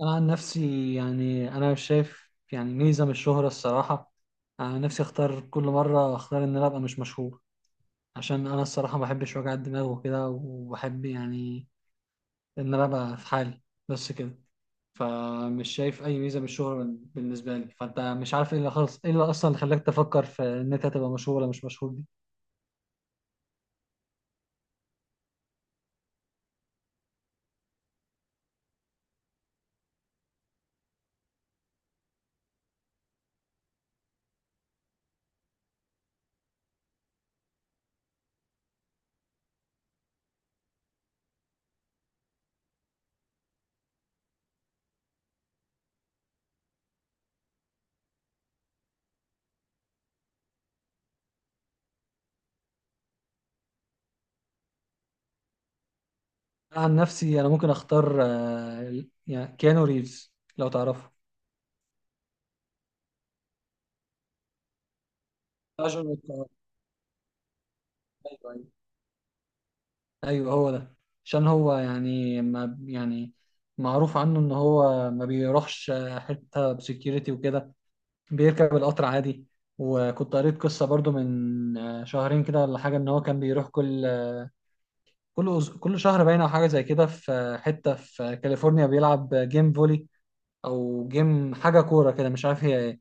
أنا عن نفسي يعني أنا مش شايف يعني ميزة من الشهرة الصراحة. أنا نفسي أختار، كل مرة أختار إن أنا أبقى مش مشهور، عشان أنا الصراحة ما بحبش وجع الدماغ وكده، وبحب يعني إن أنا أبقى في حالي، بس كده. فمش شايف أي ميزة من الشهرة بالنسبة لي. فأنت مش عارف إيه اللي خلص، إيه اللي أصلا خلاك تفكر في إن أنت تبقى مشهور ولا مش مشهور دي؟ أنا عن نفسي أنا ممكن أختار، يعني كيانو ريفز، لو تعرفه. أيوة، أيوة. ايوه، هو ده. عشان هو يعني ما يعني معروف عنه ان هو ما بيروحش حته بسكيورتي وكده، بيركب القطر عادي. وكنت قريت قصه برضو من شهرين كده ولا حاجه، ان هو كان بيروح كل شهر باين او حاجه زي كده، في حته في كاليفورنيا، بيلعب جيم فولي او جيم حاجه كوره كده، مش عارف هي ايه.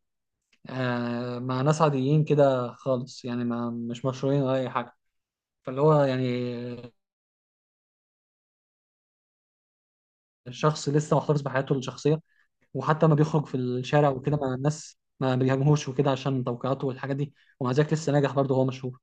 مع ناس عاديين كده خالص، يعني ما مش مشهورين ولا اي حاجه. فاللي هو يعني شخص لسه محتفظ بحياته الشخصيه، وحتى ما بيخرج في الشارع وكده مع الناس ما بيهاجموهوش وكده عشان توقيعاته والحاجات دي، ومع ذلك لسه ناجح، برضه هو مشهور.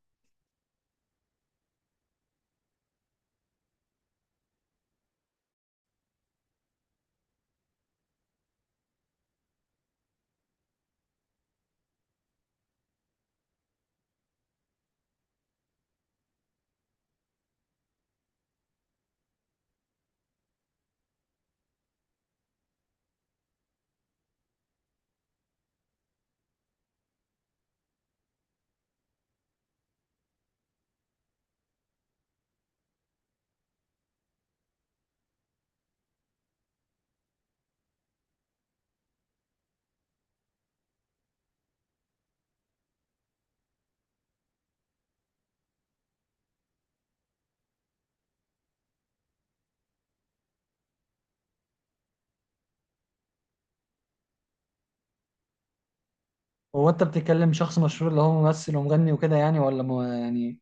هو انت بتتكلم شخص مشهور اللي هو ممثل ومغني وكده يعني، ولا يعني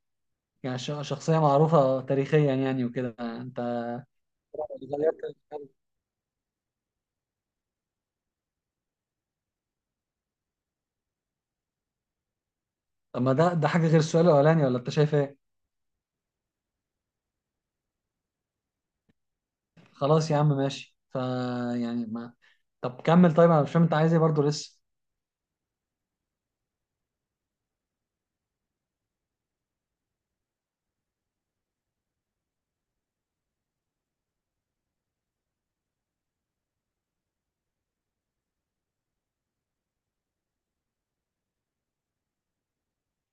يعني شخصية معروفة تاريخيا يعني وكده، انت غيرت الكلام. طب ما ده حاجة غير السؤال الأولاني، ولا انت شايف ايه؟ خلاص يا عم، ماشي ف يعني ما، طب كمل. طيب انا مش فاهم انت عايز ايه برضه لسه.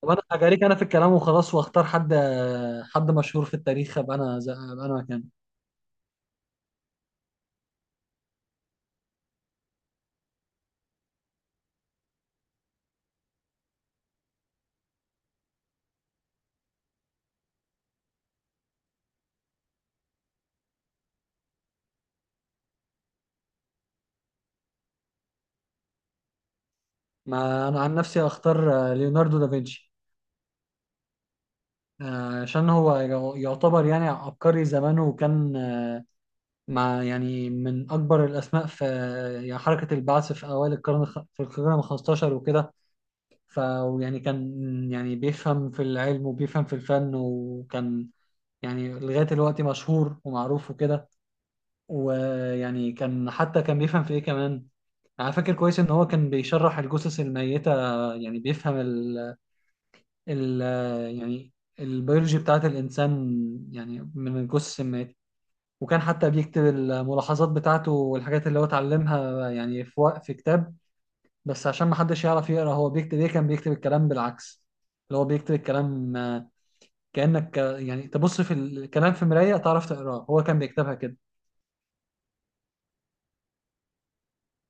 طب انا هجاريك انا في الكلام وخلاص، واختار حد مشهور في التاريخ، ابقى انا مكانه. ما انا عن نفسي اختار ليوناردو دافنشي، عشان هو يعتبر يعني عبقري زمانه، وكان مع يعني من اكبر الاسماء في يعني حركه البعث في اوائل القرن الخ- في القرن ال 15 وكده. فيعني كان يعني بيفهم في العلم وبيفهم في الفن، وكان يعني لغايه دلوقتي مشهور ومعروف وكده. ويعني كان حتى كان بيفهم في ايه كمان، انا فاكر كويس ان هو كان بيشرح الجثث الميته، يعني بيفهم ال يعني البيولوجي بتاعت الإنسان، يعني من الجثث السمات. وكان حتى بيكتب الملاحظات بتاعته والحاجات اللي هو اتعلمها يعني في كتاب. بس عشان ما حدش يعرف يقرأ هو بيكتب ايه، كان بيكتب الكلام بالعكس، اللي هو بيكتب الكلام، كأنك يعني تبص في الكلام في مراية تعرف تقراه، هو كان بيكتبها كده.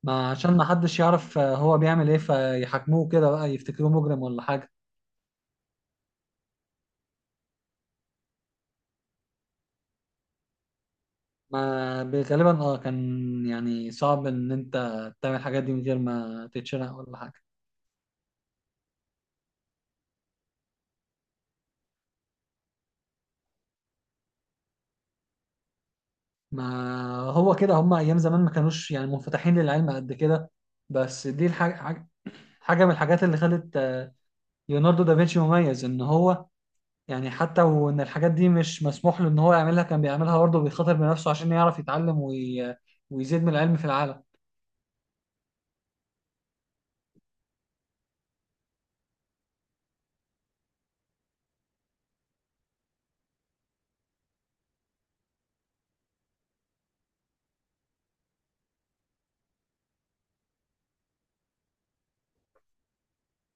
ما عشان ما حدش يعرف هو بيعمل ايه، فيحاكموه كده بقى، يفتكروه مجرم ولا حاجة. ما غالبا كان يعني صعب ان انت تعمل الحاجات دي من غير ما تتشنق ولا حاجه. ما هو كده، هم ايام زمان ما كانوش يعني منفتحين للعلم قد كده. بس دي الحاجه، حاجة من الحاجات اللي خلت ليوناردو دافنشي مميز، ان هو يعني حتى وان الحاجات دي مش مسموح له ان هو يعملها، كان بيعملها برضه، بيخاطر بنفسه عشان يعرف يتعلم ويزيد من العلم في العالم.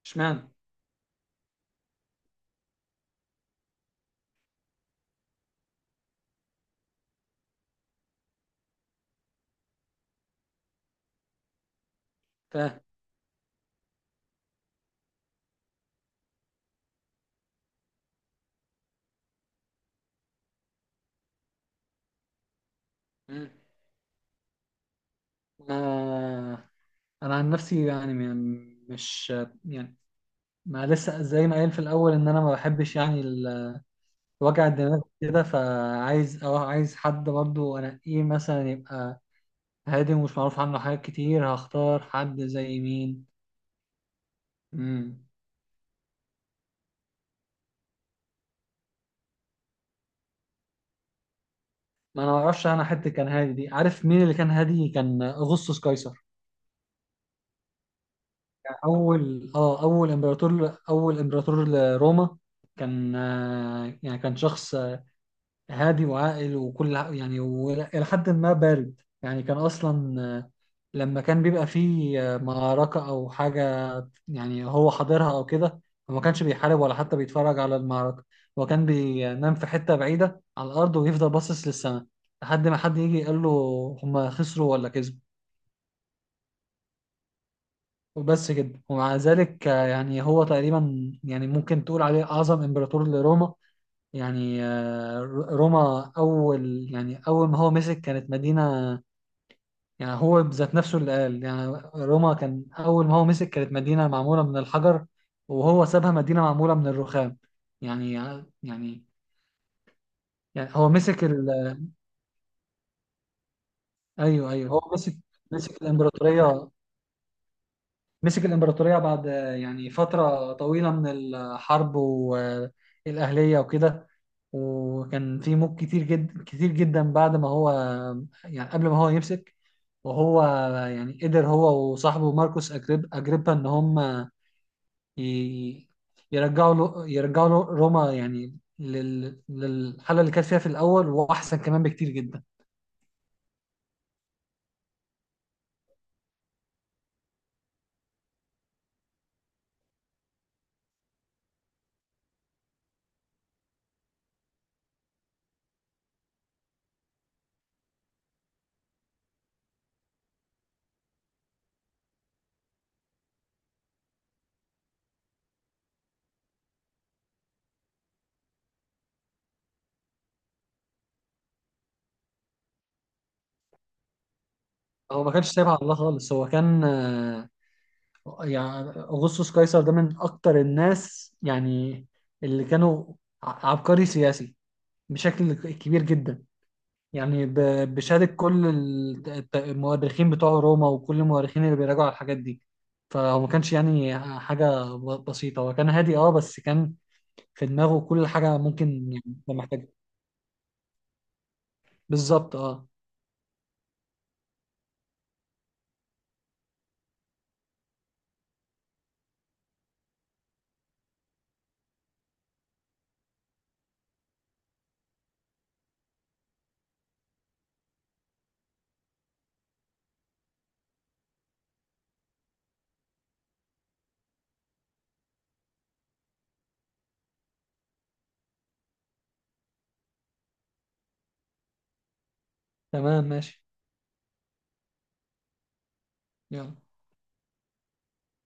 اشمعنى؟ فاهم. مم. ما- انا عن نفسي يعني مش يعني ما لسه زي ما قايل في الاول، ان انا ما بحبش يعني وجع الدماغ كده، فعايز اه عايز حد برضو انقيه مثلا، يبقى هادي ومش معروف عنه حاجات كتير، هختار حد زي مين. امم ما انا ما اعرفش، انا حد كان هادي دي عارف مين اللي كان هادي؟ كان اغسطس قيصر، يعني اول امبراطور لروما. كان يعني كان شخص هادي وعاقل، يعني وإلى حد ما بارد. يعني كان أصلا لما كان بيبقى فيه معركة أو حاجة، يعني هو حاضرها أو كده، هو ما كانش بيحارب ولا حتى بيتفرج على المعركة. هو كان بينام في حتة بعيدة على الأرض، ويفضل باصص للسماء، لحد ما حد يجي يقول له هما خسروا ولا كسبوا. وبس كده، ومع ذلك يعني هو تقريبا يعني ممكن تقول عليه أعظم إمبراطور لروما. يعني روما يعني أول ما هو مسك كانت مدينة، يعني هو بذات نفسه اللي قال، يعني روما كان أول ما هو مسك كانت مدينة معمولة من الحجر، وهو سابها مدينة معمولة من الرخام. يعني يعني يعني هو مسك. أيوه، أيوه، هو مسك الإمبراطورية. مسك الإمبراطورية بعد يعني فترة طويلة من الحرب والأهلية وكده، وكان في موت كتير جدا كتير جدا بعد ما هو يعني قبل ما هو يمسك. وهو يعني قدر هو وصاحبه ماركوس أجريبا إن هم ي- يرجعوا له روما، يعني للحالة اللي كانت فيها في الأول، وأحسن كمان بكتير جدا. هو ما كانش سايبها على الله خالص، هو كان يعني أغسطس قيصر ده من أكتر الناس يعني اللي كانوا عبقري سياسي بشكل كبير جدا، يعني بشهادة كل المؤرخين بتوع روما وكل المؤرخين اللي بيراجعوا على الحاجات دي. فهو ما كانش يعني حاجة بسيطة، هو كان هادي بس كان في دماغه كل حاجة ممكن يعني انت محتاجها. بالظبط اه. تمام، ماشي. يلا.